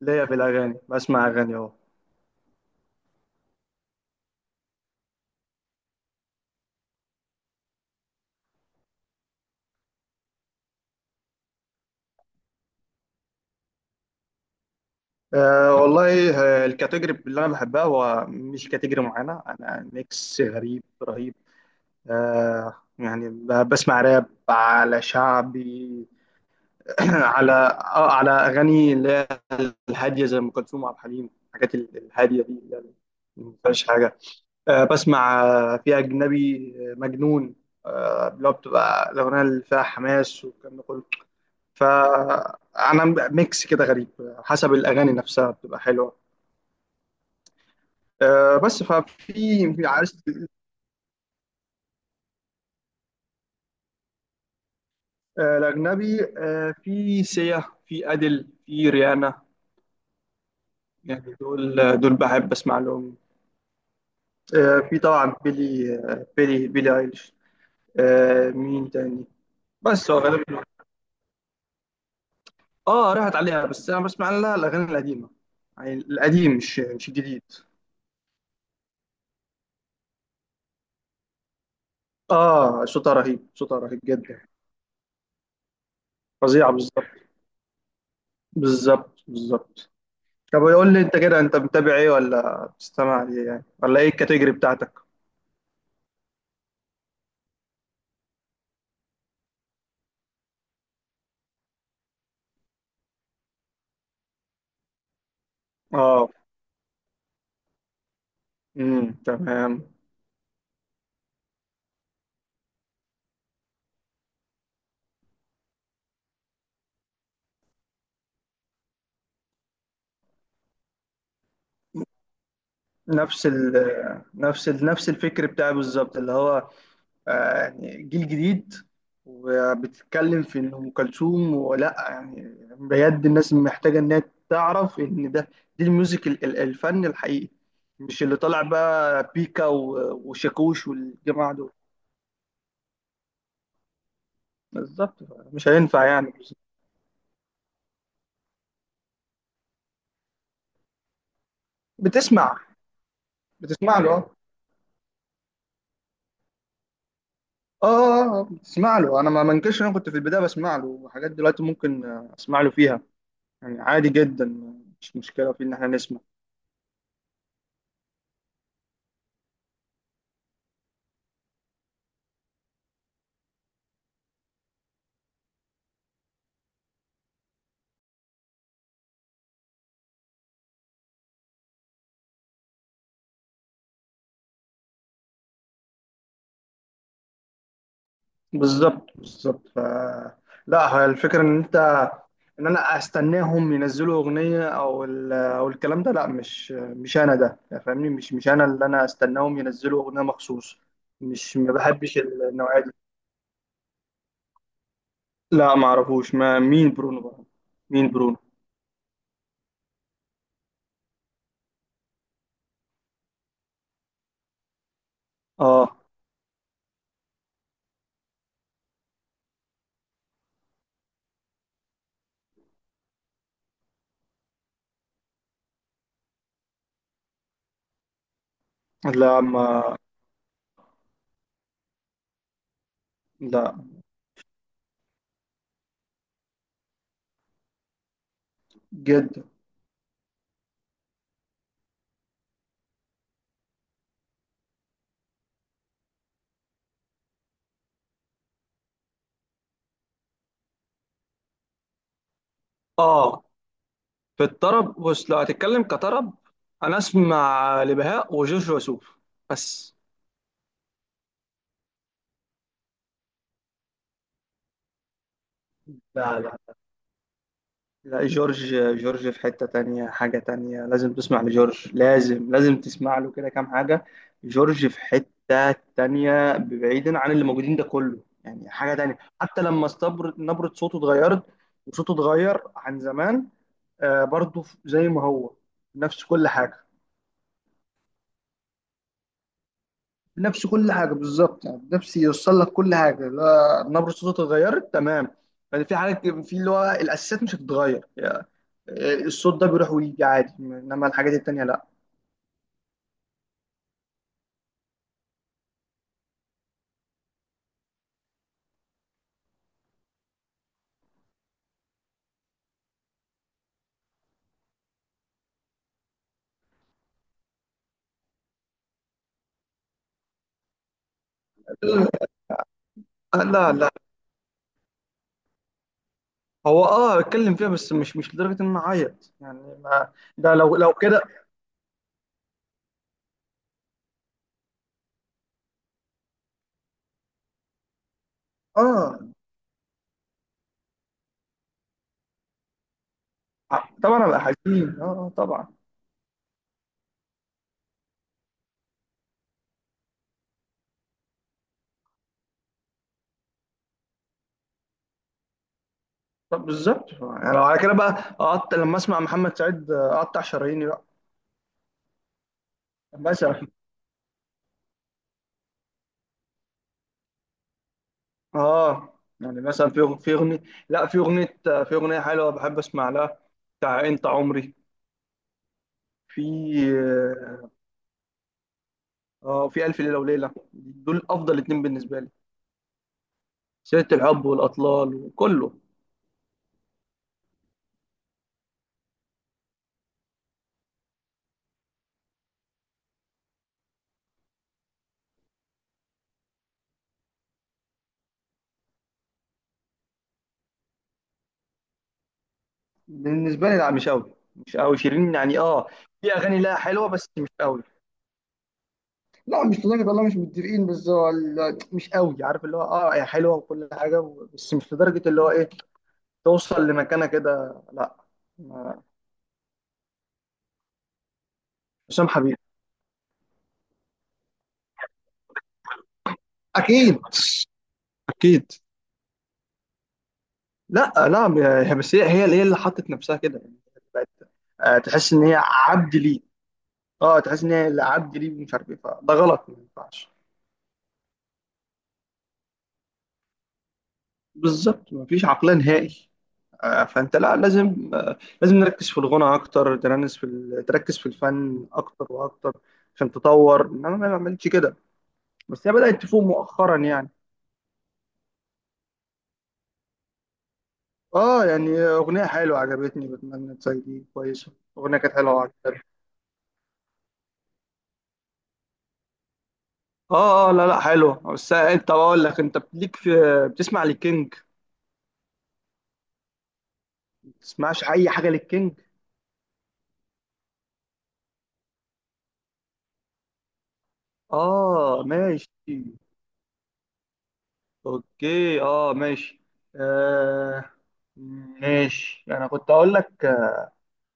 ليا في الأغاني، بسمع أغاني أهو. أه والله. الكاتيجوري اللي أنا بحبها هو مش كاتيجوري معينة، أنا ميكس غريب رهيب. يعني بسمع راب على شعبي. على أغاني اللي هي الهادية زي أم كلثوم وعبد الحليم، الحاجات الهادية دي اللي ما فيهاش حاجة. بسمع، في أجنبي، مجنون، اللي هو بتبقى الأغنية اللي فيها حماس والكلام ده كله. فانا ميكس كده غريب، حسب الاغاني نفسها بتبقى حلوه. بس ففي عايز، الاجنبي، في سيا، في ادل، في ريانا. يعني دول بحب اسمع لهم. في طبعا بيلي ايليش. مين تاني؟ بس هو غالبا، اه راحت عليها بس انا بسمع لها الاغاني القديمه. يعني القديم، مش الجديد. اه، صوتها رهيب، صوتها رهيب جدا. فظيعه بالظبط، بالظبط بالظبط. طب قول لي انت كده، انت متابع ايه، ولا بتستمع ليه يعني، ولا ايه الكاتيجوري بتاعتك؟ اه، امم، تمام. نفس ال نفس الفكر بتاعي بالظبط، اللي هو يعني جيل جديد وبتتكلم في ان ام كلثوم ولا يعني. بجد الناس محتاجه انها تعرف ان ده، دي الميوزك الفن الحقيقي، مش اللي طالع بقى بيكا وشاكوش والجماعه دول. بالظبط، مش هينفع يعني. بتسمع بتسمع له. اه اسمع له، انا ما منكرش إن انا كنت في البدايه بسمع له حاجات، دلوقتي ممكن اسمع له فيها يعني، عادي جدا. مش مشكله في ان احنا نسمع. بالظبط بالظبط. لا هي الفكره ان انا استناهم ينزلوا اغنيه او الكلام ده، لا، مش انا ده يعني، فاهمني، مش انا اللي انا استناهم ينزلوا اغنيه مخصوص. مش ما بحبش النوعيه دي. لا ما اعرفوش، ما مين برونو بقى. مين برونو؟ اه. لا. ما لا. جدا. اه، في الطرب، بص لو هتتكلم كطرب انا اسمع لبهاء وجورج وسوف بس. لا لا، لا جورج، جورج في حتة تانية، حاجة تانية، لازم تسمع لجورج، لازم لازم تسمع له كده كام حاجة. جورج في حتة تانية، بعيدا عن اللي موجودين ده كله، يعني حاجة تانية. حتى لما استبر نبرة صوته اتغيرت وصوته اتغير عن زمان. آه، برضه زي ما هو، نفس كل حاجة، بنفس كل حاجه بالظبط، يعني بنفس يوصل لك كل حاجه. لا، نبره صوته اتغيرت تمام. يعني في حاجات في اللي هو الاساسيات مش هتتغير يعني، الصوت ده بيروح ويجي عادي، انما الحاجات التانيه لا. لا لا، هو اه بتكلم فيها، بس مش لدرجه ان انا اعيط يعني، ما ده لو كده. اه طبعا ابقى حزين، اه، طبعا. طب بالظبط يعني، لو على كده بقى اقطع لما اسمع محمد سعيد، اقطع شراييني بقى. مثلا اه يعني مثلا في في اغنيه، لا في اغنيه، في اغنيه حلوه بحب اسمع لها، بتاع انت عمري. في اه، في الف ليله وليله، دول افضل اتنين بالنسبه لي. سيره الحب والاطلال وكله. بالنسبه لي لا، مش قوي، مش قوي شيرين يعني، اه، في اغاني لها حلوه بس مش قوي. لا مش لدرجه والله مش متفقين، بس هو مش قوي، عارف اللي هو اه هي حلوه وكل حاجه بس مش لدرجه اللي هو ايه توصل لمكانه كده، لا. ما- حسام حبيب. اكيد اكيد. لا لا، بس هي اللي حطت نفسها كده يعني، بقت تحس ان هي عبد ليه. اه تحس ان هي اللي عبد ليه ومش عارف ايه، فده غلط ما ينفعش. بالظبط، مفيش عقلية نهائي. فانت لا، لازم، لازم نركز في الغنى اكتر، تركز في الفن اكتر واكتر، عشان تطور، انما ما عملتش كده. بس هي بدأت تفوق مؤخرا يعني. اه يعني اغنية حلوة عجبتني، بتمنى تسيدي كويسة. اغنية كانت حلوة. اه اه لا لا، حلو بس انت بقول لك، انت ليك في، بتسمع للكينج؟ ما بتسمعش اي حاجه للكينج؟ اه ماشي. اوكي اه ماشي. آه ماشي، انا كنت اقول لك،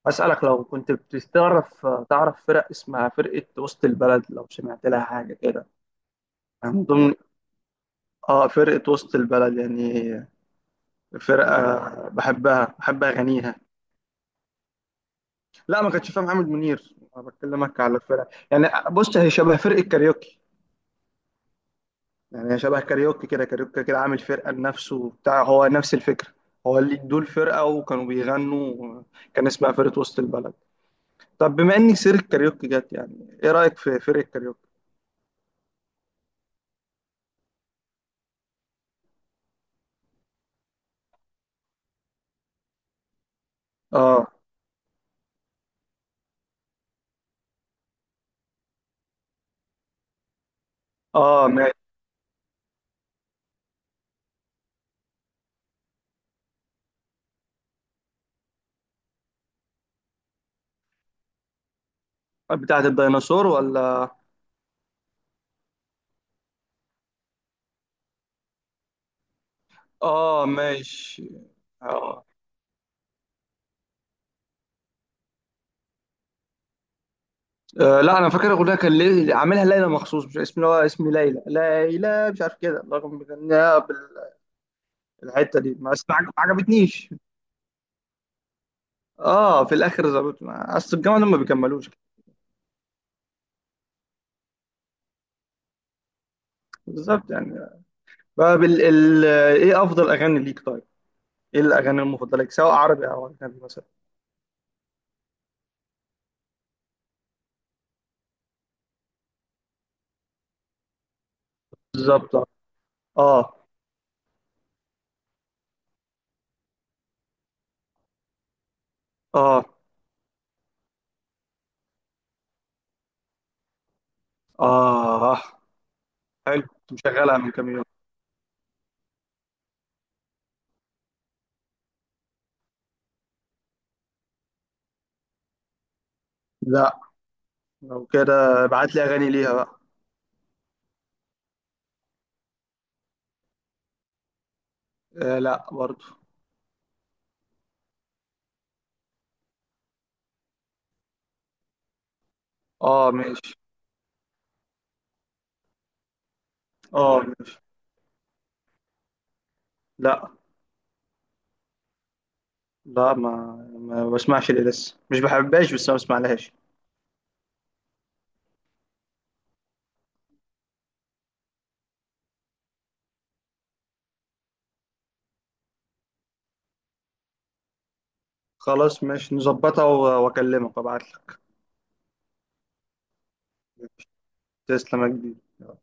اسالك، لو كنت بتعرف، تعرف فرق اسمها فرقه وسط البلد، لو سمعت لها حاجه كده، من ضمن. اه فرقه وسط البلد يعني، فرقه بحبها، بحب اغانيها. لا ما كنتش فاهم محمد منير، انا بكلمك على الفرق يعني، بص هي شبه فرقه كاريوكي. يعني هي شبه كاريوكي كده، كاريوكي كده عامل فرقة لنفسه وبتاع، هو نفس الفكرة. هو اللي دول فرقة وكانوا بيغنوا، كان اسمها فرقة وسط البلد. طب بما إني سيرة كاريوكي جت، يعني إيه رأيك في فرقة كاريوكي؟ آه آه ماشي. بتاعة الديناصور ولا؟ آه ماشي. آه، لا أنا فاكر الأغنية، كان ليه عاملها ليلى مخصوص، مش اسم اللي هو اسم ليلى، ليلى مش عارف كده، رغم بيغنيها بالحتة دي، بس ما عجبتنيش. اه في الاخر ظبط، اصل الجامعه دول ما بيكملوش. بالظبط يعني. بقى بال... ال... ايه افضل اغاني ليك طيب؟ ايه الاغاني المفضله ليك سواء عربي او اجنبي مثلا؟ بالظبط. اه. اه اه. آه. حلو، كنت مشغلها من كام يوم. لا لو كده ابعت لي اغاني ليها بقى. آه لا برضو. اه ماشي. اه ماشي. لا لا، ما بسمعش ليه لسه، مش بحبهاش بس ما بسمعلهاش. خلاص ماشي، نظبطها واكلمك وابعت لك. تسلم يا كبير.